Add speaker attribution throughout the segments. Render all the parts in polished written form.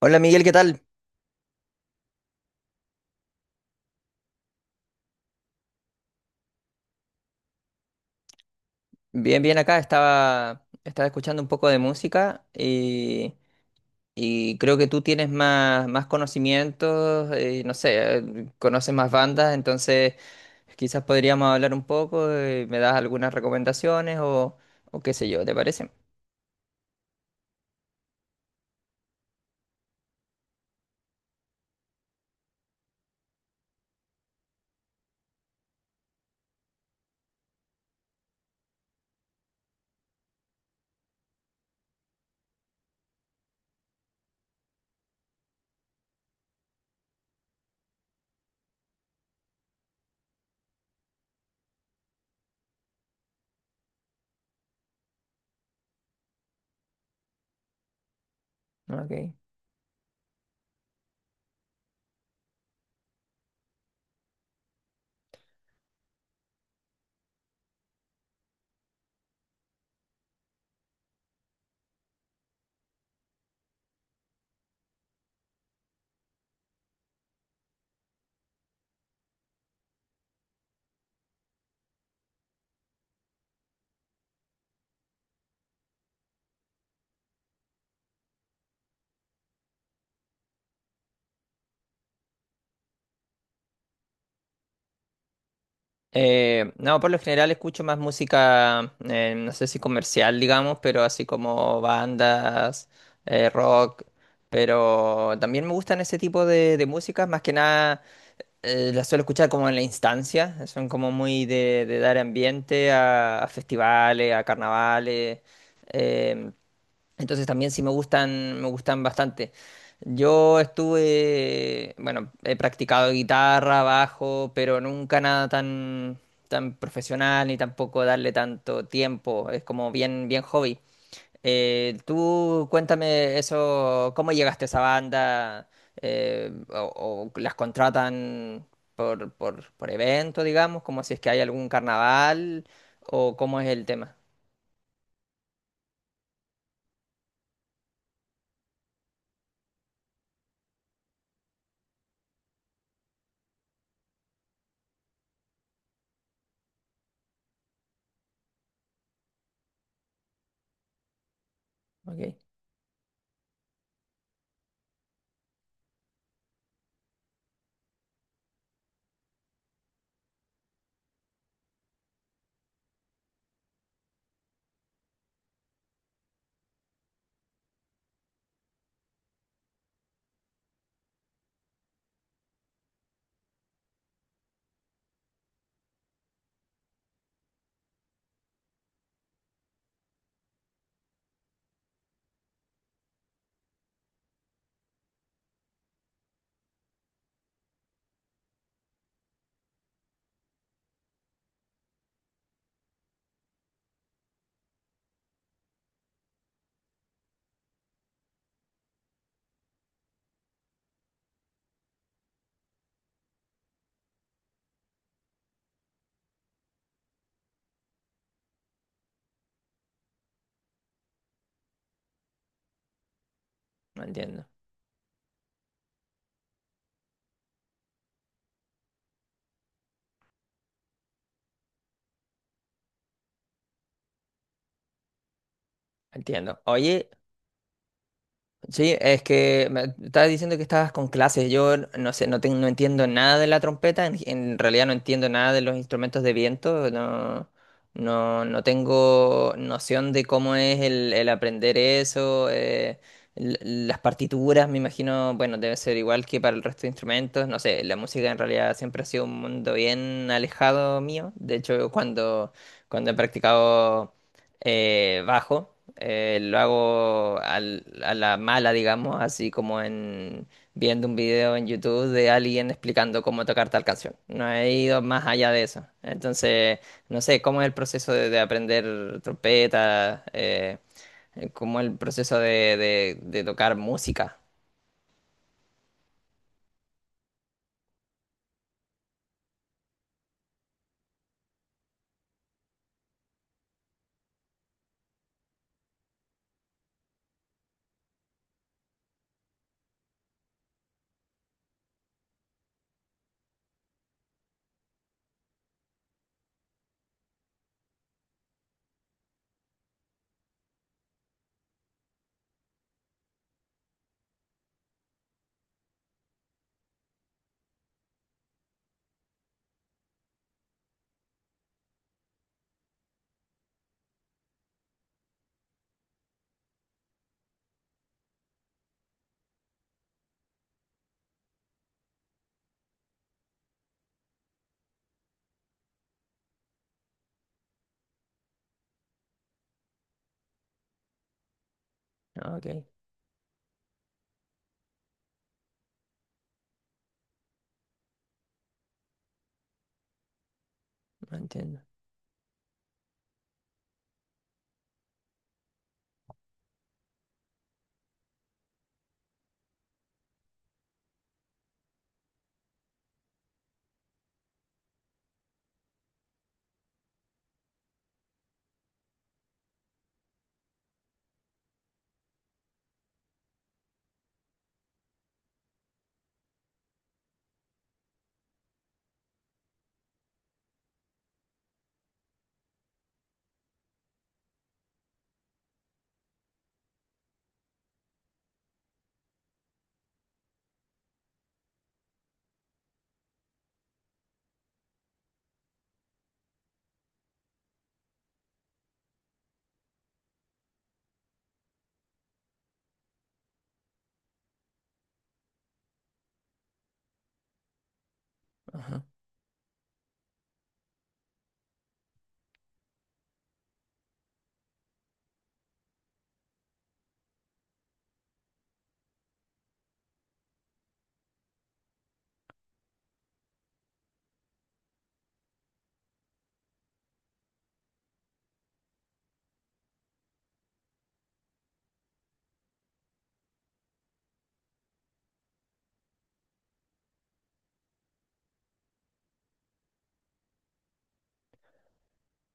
Speaker 1: Hola Miguel, ¿qué tal? Bien, bien acá. Estaba escuchando un poco de música y creo que tú tienes más, más conocimientos, no sé, conoces más bandas, entonces quizás podríamos hablar un poco, me das algunas recomendaciones o qué sé yo, ¿te parece? Ok. No, por lo general escucho más música, no sé si comercial, digamos, pero así como bandas, rock, pero también me gustan ese tipo de músicas, más que nada las suelo escuchar como en la instancia, son como muy de dar ambiente a festivales, a carnavales. em, entonces también sí me gustan bastante. Yo estuve, bueno, he practicado guitarra, bajo, pero nunca nada tan, tan profesional ni tampoco darle tanto tiempo. Es como bien, bien hobby. Tú cuéntame eso, ¿cómo llegaste a esa banda? O, o las contratan por evento, digamos, como si es que hay algún carnaval, o cómo es el tema. Ok, no entiendo, entiendo. Oye, sí, es que me estabas diciendo que estabas con clases. Yo no sé, no, no entiendo nada de la trompeta. En realidad no entiendo nada de los instrumentos de viento. No, no, no tengo noción de cómo es el aprender eso. Las partituras, me imagino, bueno, debe ser igual que para el resto de instrumentos. No sé, la música en realidad siempre ha sido un mundo bien alejado mío. De hecho, cuando, cuando he practicado bajo. Lo hago a la mala, digamos, así como en viendo un video en YouTube de alguien explicando cómo tocar tal canción. No he ido más allá de eso. Entonces, no sé, cómo es el proceso de aprender trompeta, cómo es el proceso de, de tocar música. Ok, no entiendo.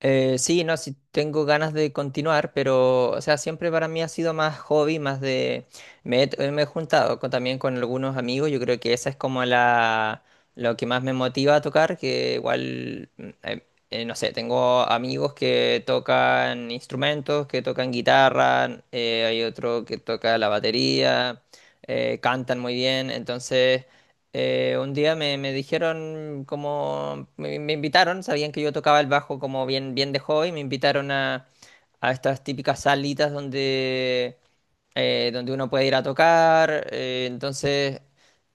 Speaker 1: Sí, no, sí tengo ganas de continuar, pero, o sea, siempre para mí ha sido más hobby, más de... Me he juntado también con algunos amigos, yo creo que esa es como la... lo que más me motiva a tocar, que igual, mm, no sé, tengo amigos que tocan instrumentos, que tocan guitarra, hay otro que toca la batería, cantan muy bien, entonces... Un día me dijeron como me invitaron, sabían que yo tocaba el bajo como bien, bien de hobby, me invitaron a estas típicas salitas donde, donde uno puede ir a tocar. Entonces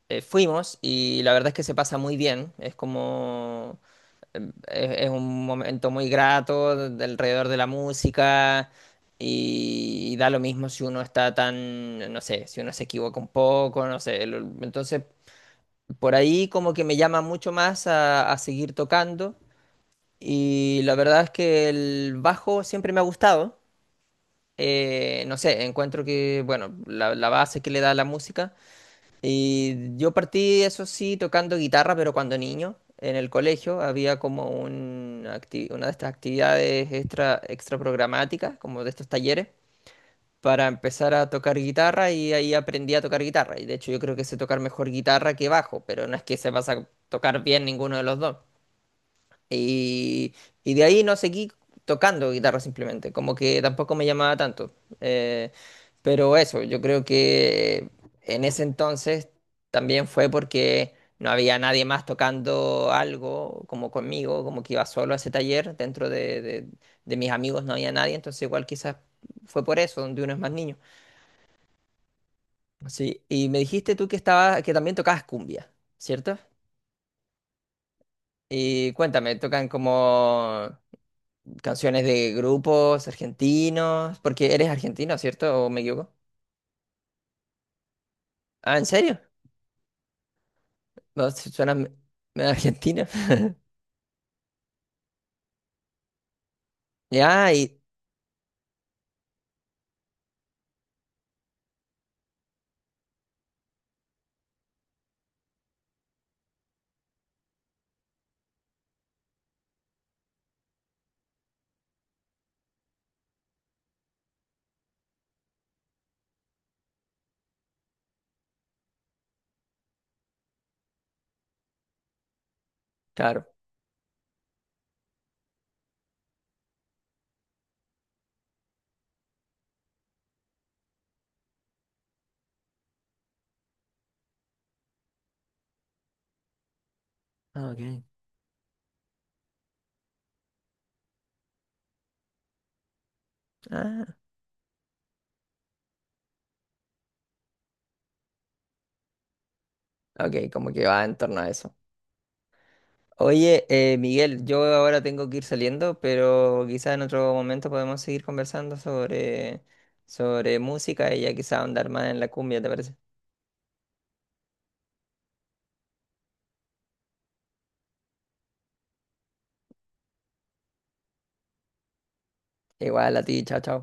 Speaker 1: fuimos y la verdad es que se pasa muy bien. Es como es un momento muy grato alrededor de la música y, da lo mismo si uno está tan, no sé, si uno se equivoca un poco, no sé. Entonces por ahí como que me llama mucho más a seguir tocando y la verdad es que el bajo siempre me ha gustado. No sé, encuentro que, bueno, la base que le da la música. Y yo partí, eso sí, tocando guitarra, pero cuando niño, en el colegio, había como un una de estas actividades extra, extra programáticas, como de estos talleres para empezar a tocar guitarra y ahí aprendí a tocar guitarra. Y de hecho yo creo que sé tocar mejor guitarra que bajo, pero no es que sepas a tocar bien ninguno de los dos. Y, y de ahí no seguí tocando guitarra simplemente, como que tampoco me llamaba tanto. Eh, pero eso, yo creo que en ese entonces también fue porque no había nadie más tocando algo como conmigo, como que iba solo a ese taller, dentro de, de mis amigos no había nadie, entonces igual quizás fue por eso, donde uno es más niño. Sí, y me dijiste tú que estaba, que también tocabas cumbia, ¿cierto? Y cuéntame, ¿tocan como canciones de grupos argentinos? Porque eres argentino, ¿cierto? ¿O me equivoco? Ah, ¿en serio? No, suena medio argentino. Ya, y claro. Ah, ok. Ah, ok, como que va en torno a eso. Oye, Miguel, yo ahora tengo que ir saliendo, pero quizá en otro momento podemos seguir conversando sobre, sobre música y ya quizá andar más en la cumbia, ¿te parece? Igual a ti, chao, chao.